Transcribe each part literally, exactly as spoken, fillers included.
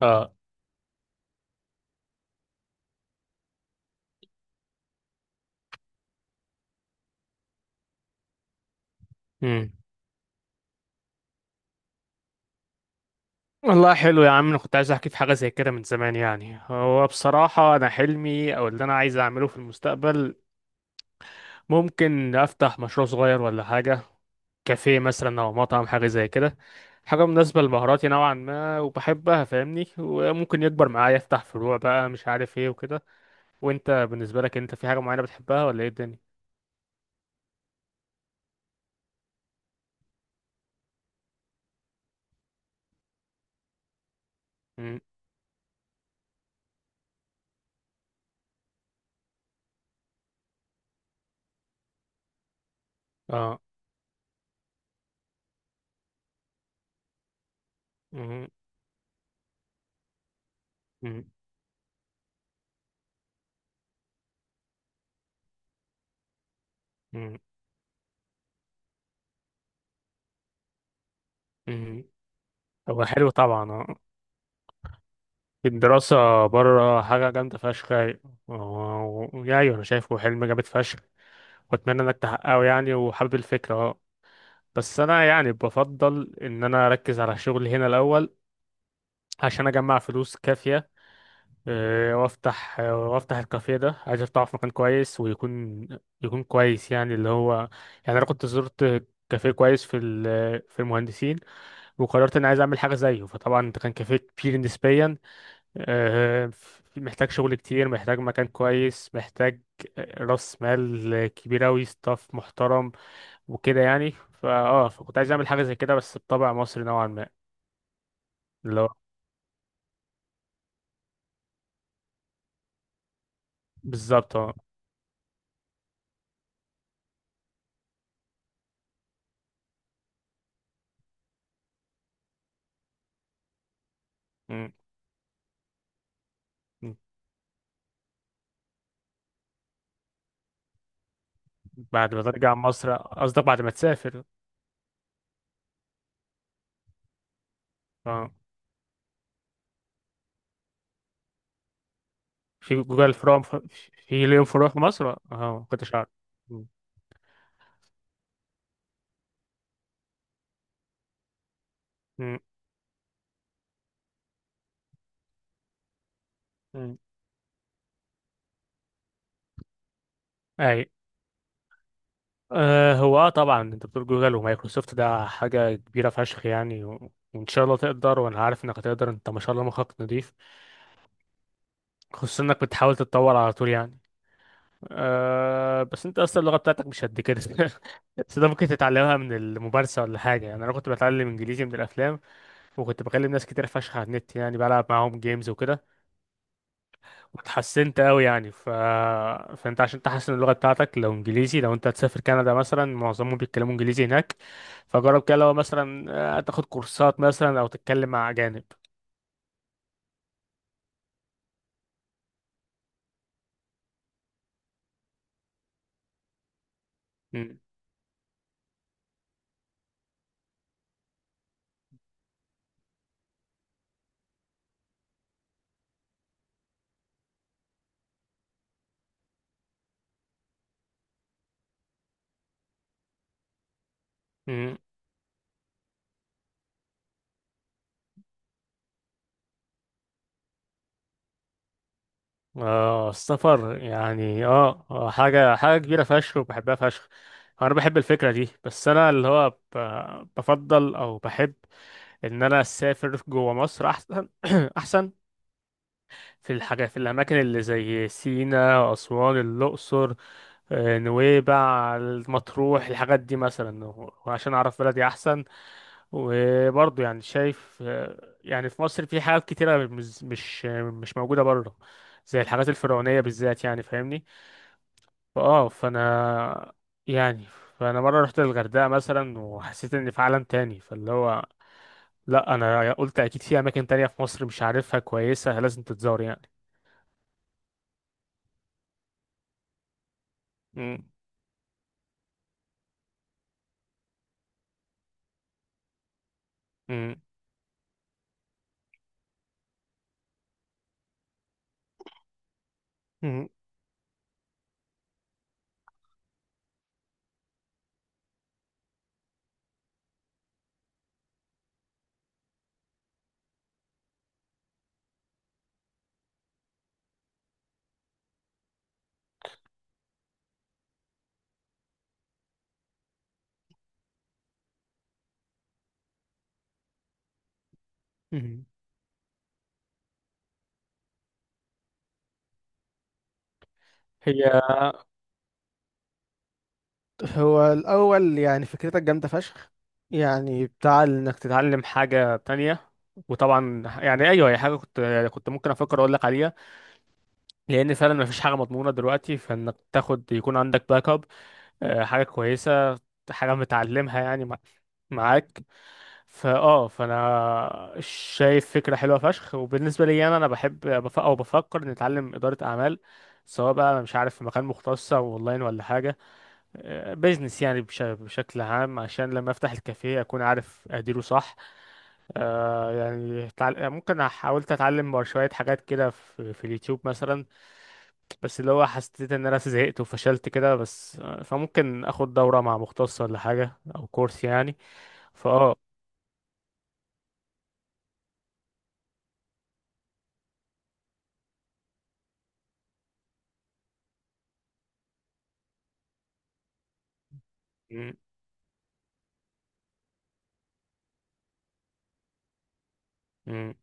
اه امم والله حلو يا عم، انا كنت عايز احكي في حاجه زي كده من زمان يعني. هو بصراحه، انا حلمي او اللي انا عايز اعمله في المستقبل ممكن افتح مشروع صغير ولا حاجه، كافيه مثلا او مطعم، حاجه زي كده، حاجه مناسبه لمهاراتي نوعا ما وبحبها فاهمني، وممكن يكبر معايا افتح فروع بقى مش عارف ايه وكده. وانت بالنسبه لك، انت في حاجه معينه بتحبها ولا ايه الدنيا؟ امم اه امم امم امم هو حلو طبعا آه. الدراسة بره حاجة جامدة فشخ يعني. و- ويعني أنا شايفه حلم جامد فشخ، وأتمنى إنك تحققه يعني، وحابب الفكرة أه. بس أنا يعني بفضل إن أنا أركز على شغلي هنا الأول، عشان أجمع فلوس كافية. آه، وأفتح آه، وأفتح الكافيه ده عايز أفتحه في مكان كويس، ويكون يكون كويس يعني، اللي هو يعني أنا كنت زرت كافيه كويس في ال- في المهندسين، وقررت إن عايز أعمل حاجة زيه. فطبعا ده كان كافيه كبير نسبيا آه، محتاج شغل كتير، محتاج مكان كويس، محتاج راس مال كبير أوي، ستاف محترم وكده يعني. فا اه فكنت عايز أعمل حاجة زي كده، بس بطبع مصري نوعا ما، اللي هو بالظبط اه. م- م. بعد ما ترجع مصر قصدك؟ بعد ما تسافر اه؟ في جوجل؟ فروم في ليهم فروع في مصر اه؟ ما كنتش أعرف. م- م- م. أيوة. آه، هو اه طبعا انت بتقول جوجل ومايكروسوفت، ده حاجة كبيرة فشخ يعني، و... وان شاء الله تقدر، وانا عارف انك هتقدر، انت ما شاء الله مخك نضيف، خصوصا انك بتحاول تتطور على طول يعني. آه، بس انت اصلا اللغة بتاعتك مش قد كده بس ده ممكن تتعلمها من الممارسة ولا حاجة يعني، انا كنت بتعلم انجليزي من الافلام، وكنت بكلم ناس كتير فشخ على النت يعني، بلعب معاهم جيمز وكده، اتحسنت قوي يعني. ف... فانت عشان تحسن اللغه بتاعتك لو انجليزي، لو انت هتسافر كندا مثلا، معظمهم بيتكلموا انجليزي هناك. فجرب كده، لو مثلا آه، تاخد كورسات مثلا او تتكلم مع اجانب. مم. مم. اه السفر يعني اه آه، حاجه حاجه كبيره فشخ وبحبها فشخ، انا بحب الفكره دي. بس انا اللي هو ب... بفضل او بحب ان انا اسافر جوه مصر احسن احسن. في الحاجة، في الأماكن اللي زي سينا، أسوان، الأقصر آه، نويبع، المطروح، الحاجات دي مثلا، و- وعشان أعرف بلدي أحسن. وبرضه يعني شايف آه، يعني في مصر في حاجات كتيرة مش مش مش موجودة بره، زي الحاجات الفرعونية بالذات يعني فاهمني. فأه فأنا يعني، فأنا مرة رحت الغردقة مثلا وحسيت إني في عالم تاني، فاللي هو لأ، أنا قلت أكيد في أماكن تانية في مصر مش عارفها كويسة، لازم تتزار يعني. م- م- مهم. هي هو الأول يعني فكرتك جامدة فشخ، يعني بتاع إنك تتعلم حاجة تانية. وطبعا يعني أيوه، هي حاجة كنت كنت ممكن أفكر أقول لك عليها، لأن فعلا مفيش حاجة مضمونة دلوقتي، فإنك تاخد يكون عندك باك أب آه، حاجة كويسة، حاجة متعلمها يعني مع- معاك. فأه فأنا شايف فكرة حلوة فشخ. وبالنسبة لي أنا أنا بحب بف- أو بفكر إني أتعلم إدارة أعمال، سواء بقى أنا مش عارف في مكان مختص أو أونلاين ولا حاجة، بيزنس يعني بش- بشكل عام، عشان لما افتح الكافيه اكون عارف اديره صح. آه يعني تعل- ممكن حاولت اتعلم شوية حاجات كده في, في اليوتيوب مثلا، بس اللي هو حسيت ان انا زهقت وفشلت كده بس آه، فممكن اخد دورة مع مختص ولا حاجة او كورس يعني. فاه م- م-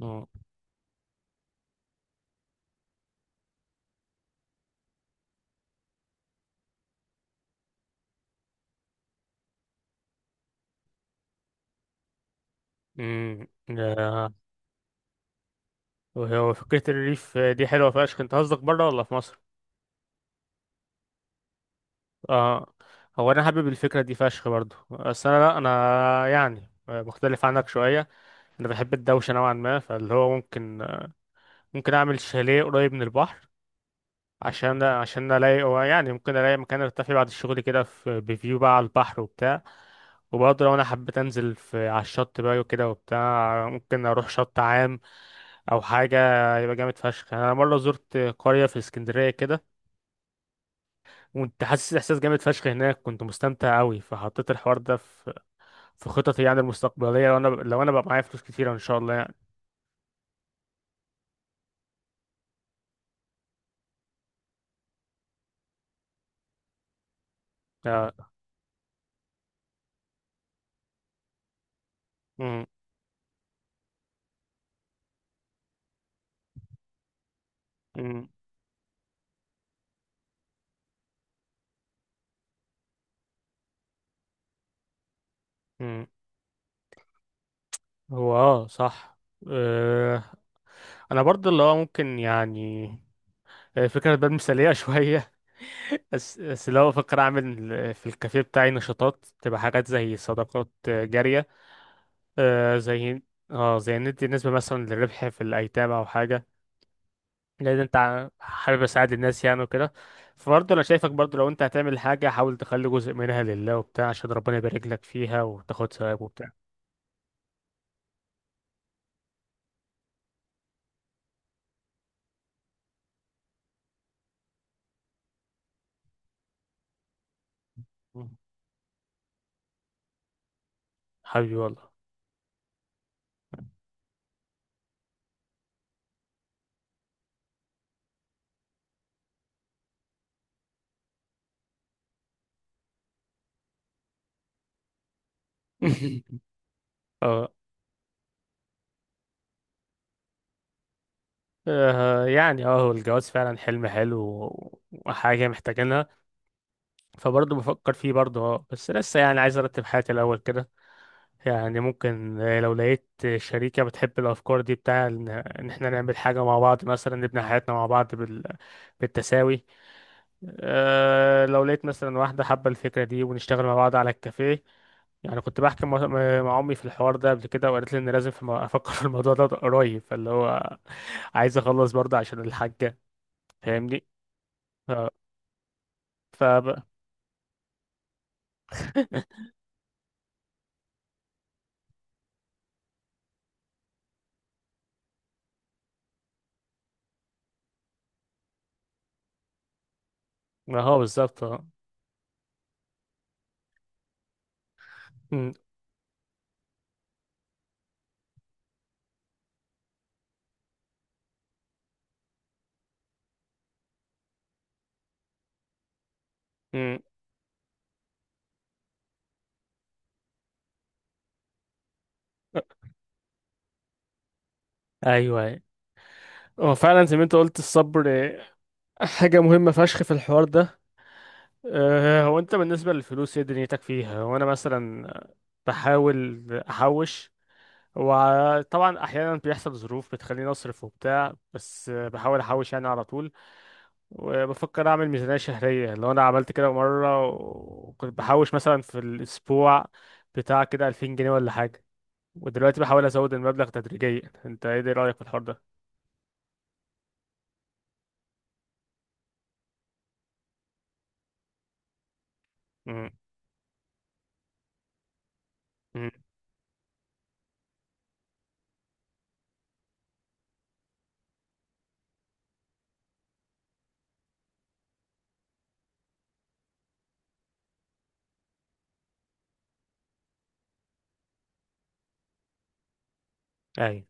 م- م- آه، وهو فكرة الريف دي حلوة فشخ، انت قصدك بره ولا في مصر؟ اه، هو انا حابب الفكره دي فشخ برضو، بس انا لا، انا يعني مختلف عنك شويه، انا بحب الدوشه نوعا ما، فاللي هو ممكن ممكن اعمل شاليه قريب من البحر، عشان عشان الاقي، هو يعني ممكن الاقي مكان ارتاح فيه بعد الشغل كده، في بفيو بقى على البحر وبتاع. وبرضه لو انا حبيت انزل في على الشط بقى وكده وبتاع، ممكن اروح شط عام او حاجه، يبقى جامد فشخ يعني. انا مره زرت قريه في اسكندريه كده، وانت حاسس احساس جامد فشخ هناك، كنت مستمتع قوي، فحطيت الحوار ده في في خططي يعني المستقبليه، لو انا لو انا بقى معايا فلوس كتيره ان شاء الله يعني. آه، مم، مم، مم. هو اه صح. آه، انا برضه اللي هو ممكن يعني آه، فكره بقى مثاليه شويه. بس بس لو بفكر اعمل آه، في الكافيه بتاعي نشاطات، تبقى حاجات زي صدقات آه، جاريه آه، زي، اه زي ندي نسبه مثلا للربح في الايتام او حاجه، لان انت ع- حابب اساعد الناس يعني وكده. فبرضه انا شايفك برضه، لو انت هتعمل حاجه، حاول تخلي جزء منها لله وبتاع، عشان ربنا يبارك لك فيها وتاخد ثواب وبتاع. مم. حبيبي والله. اه آه، يعني اه هو الجواز فعلا حلم حلو، و- وحاجه محتاجينها، فبرضه بفكر فيه برضه اه، بس لسه يعني عايز ارتب حياتي الاول كده. يعني ممكن آه، لو لقيت شريكه بتحب الافكار دي بتاع، ان إن احنا نعمل حاجه مع بعض، مثلا نبني حياتنا مع بعض بال... بالتساوي. أه لو لقيت مثلا واحدة حابة الفكرة دي ونشتغل مع بعض على الكافيه. يعني كنت بحكي مع مع أمي في الحوار ده قبل كده، وقالت لي إن لازم في م- أفكر في الموضوع ده قريب، فاللي هو عايز أخلص برضه عشان الحاجة فاهمني. أه. ف ما هو بالظبط اه. م- م- أيوه، أيوة. هو فعلا زي ما أنت قلت، الصبر آه، حاجة مهمة فشخ في الحوار ده. أه هو أنت بالنسبة للفلوس، إيه دنيتك فيها؟ وأنا مثلا بحاول أحوش، وطبعا احيانا بيحصل ظروف بتخليني اصرف وبتاع، بس بحاول احوش يعني على طول. وبفكر اعمل ميزانية شهرية، لو انا عملت كده مرة وكنت بحوش مثلا في الاسبوع بتاع كده ألفين جنيه ولا حاجة، ودلوقتي بحاول ازود المبلغ تدريجيا. انت ايه ده رأيك في الحوار ده؟ امم امم